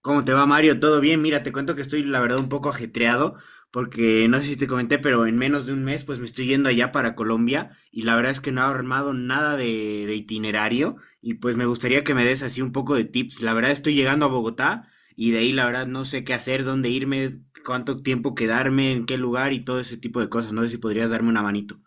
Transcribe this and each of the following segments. ¿Cómo te va, Mario? ¿Todo bien? Mira, te cuento que estoy, la verdad, un poco ajetreado porque no sé si te comenté, pero en menos de un mes pues me estoy yendo allá para Colombia y la verdad es que no he armado nada de itinerario y pues me gustaría que me des así un poco de tips. La verdad estoy llegando a Bogotá y de ahí la verdad no sé qué hacer, dónde irme, cuánto tiempo quedarme, en qué lugar y todo ese tipo de cosas. No sé si podrías darme una manito.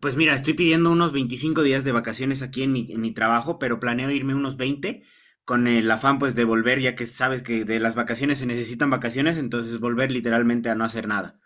Pues mira, estoy pidiendo unos 25 días de vacaciones aquí en mi trabajo, pero planeo irme unos 20 con el afán pues de volver, ya que sabes que de las vacaciones se necesitan vacaciones, entonces volver literalmente a no hacer nada.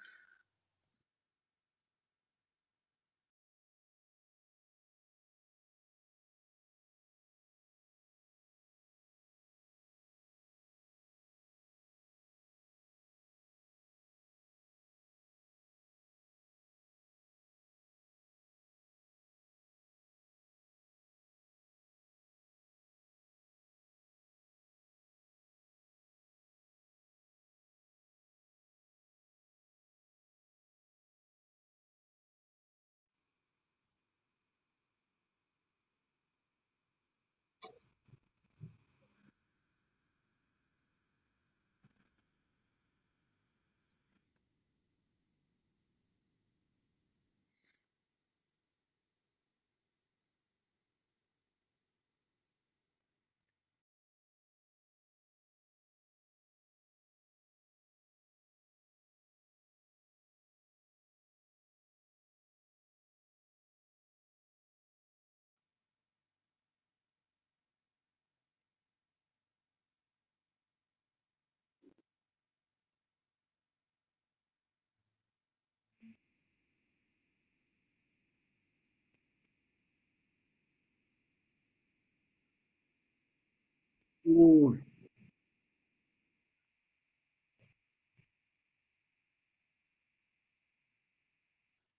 Uy,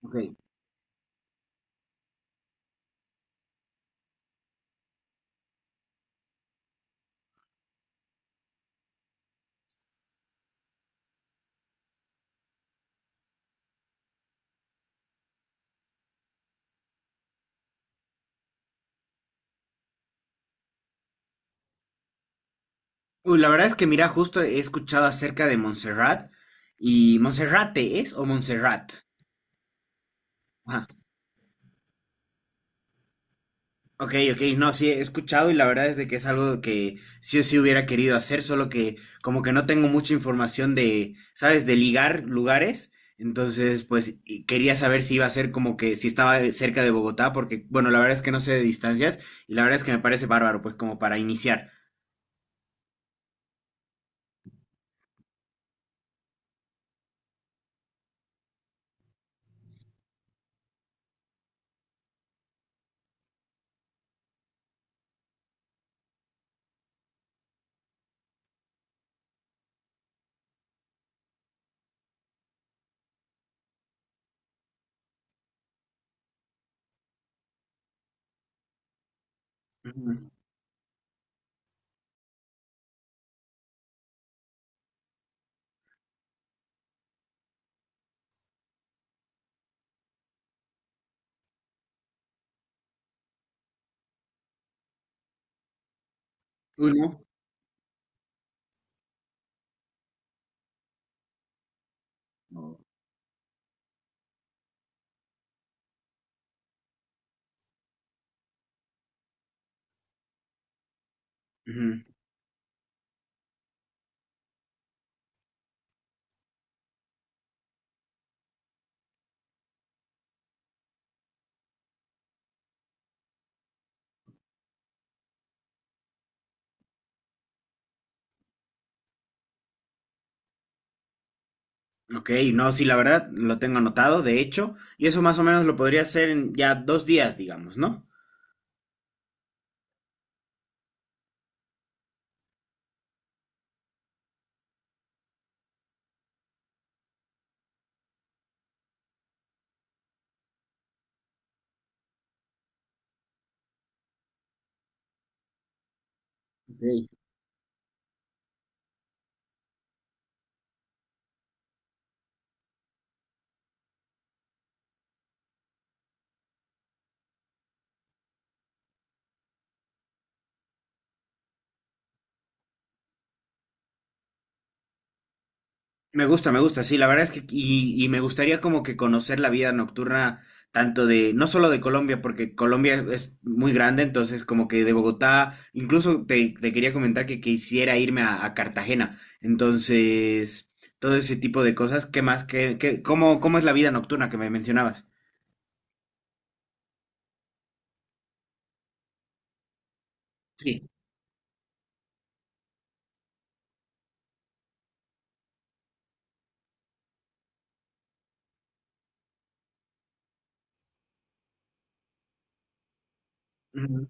ok. Uy, la verdad es que mira, justo he escuchado acerca de Montserrat y Monserrate es o Montserrat. Ok, ok, no, sí, he escuchado y la verdad es de que es algo que sí o sí hubiera querido hacer, solo que como que no tengo mucha información de, ¿sabes?, de ligar lugares, entonces pues y quería saber si iba a ser como que si estaba cerca de Bogotá, porque bueno, la verdad es que no sé de distancias y la verdad es que me parece bárbaro, pues como para iniciar. Ujú. Uy, no. No. Ujú. Ok, no, sí, la verdad lo tengo anotado, de hecho, y eso más o menos lo podría hacer en ya dos días, digamos, ¿no? Ok. Me gusta, sí, la verdad es que y me gustaría como que conocer la vida nocturna tanto de, no solo de Colombia, porque Colombia es muy grande, entonces como que de Bogotá, incluso te, te quería comentar que quisiera irme a Cartagena, entonces todo ese tipo de cosas, ¿qué más? ¿Qué, qué, cómo, cómo es la vida nocturna que me mencionabas? Sí. Ujú.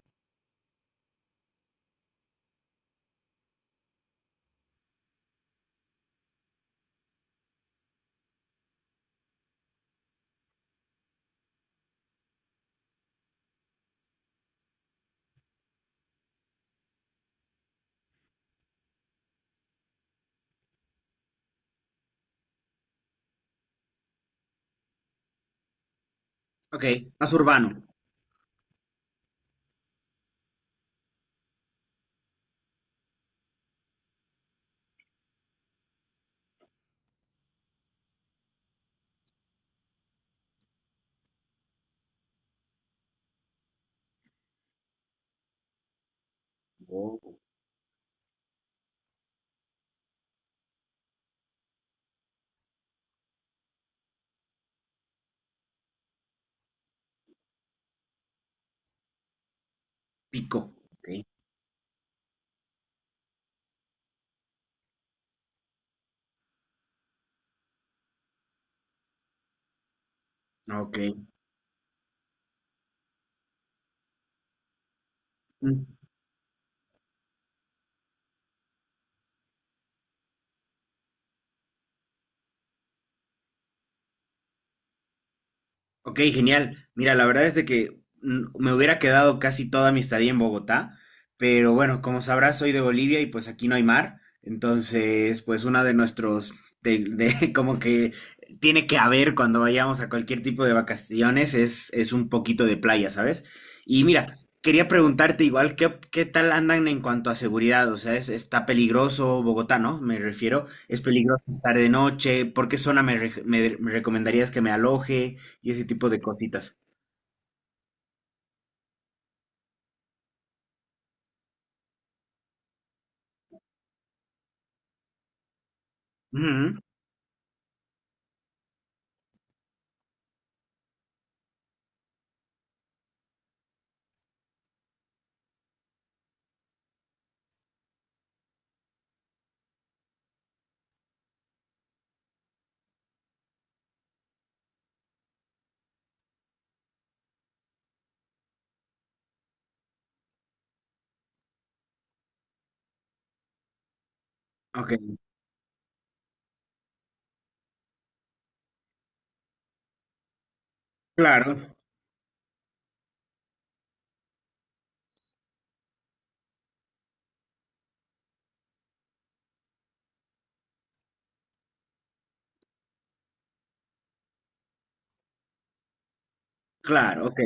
Ok, más urbano, pico. Ok, ok. Ok, genial. Mira, la verdad es de que me hubiera quedado casi toda mi estadía en Bogotá, pero bueno, como sabrás, soy de Bolivia y pues aquí no hay mar, entonces pues una de nuestros, como que tiene que haber cuando vayamos a cualquier tipo de vacaciones es un poquito de playa, ¿sabes? Y mira, quería preguntarte igual, ¿qué, qué tal andan en cuanto a seguridad? O sea, es- está peligroso Bogotá, ¿no? Me refiero, es peligroso estar de noche, ¿por qué zona me re- me- me recomendarías que me aloje? Y ese tipo de cositas. Ujú. Ok, claro, claro, ok.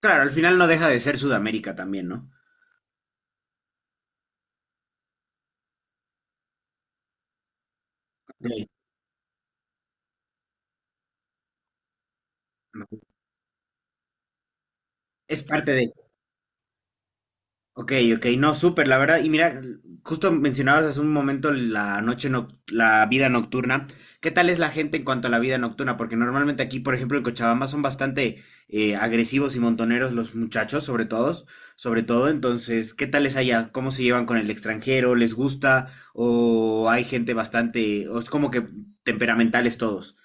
Claro, al final no deja de ser Sudamérica también, ¿no? Ok, ok. Es parte de... Ok, ok, no, súper, la verdad. Y mira, justo mencionabas hace un momento la noche, noc- la vida nocturna. ¿Qué tal es la gente en cuanto a la vida nocturna? Porque normalmente aquí, por ejemplo, en Cochabamba son bastante agresivos y montoneros los muchachos, sobre todos, sobre todo. Entonces, ¿qué tal es allá? ¿Cómo se llevan con el extranjero? ¿Les gusta? ¿O hay gente bastante, o es como que temperamentales todos?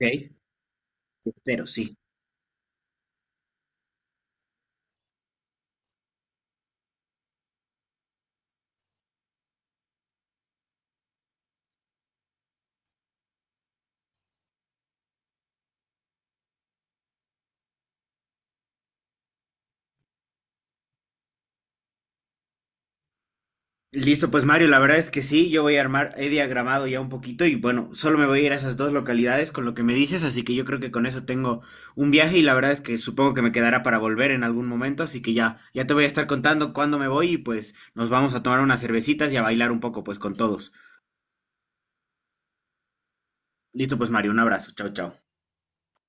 Ok. Pero sí. Listo, pues Mario, la verdad es que sí, yo voy a armar, he diagramado ya un poquito y bueno, solo me voy a ir a esas dos localidades con lo que me dices, así que yo creo que con eso tengo un viaje y la verdad es que supongo que me quedará para volver en algún momento, así que ya, ya te voy a estar contando cuándo me voy y pues nos vamos a tomar unas cervecitas y a bailar un poco pues con todos. Listo, pues Mario, un abrazo, chao, chao.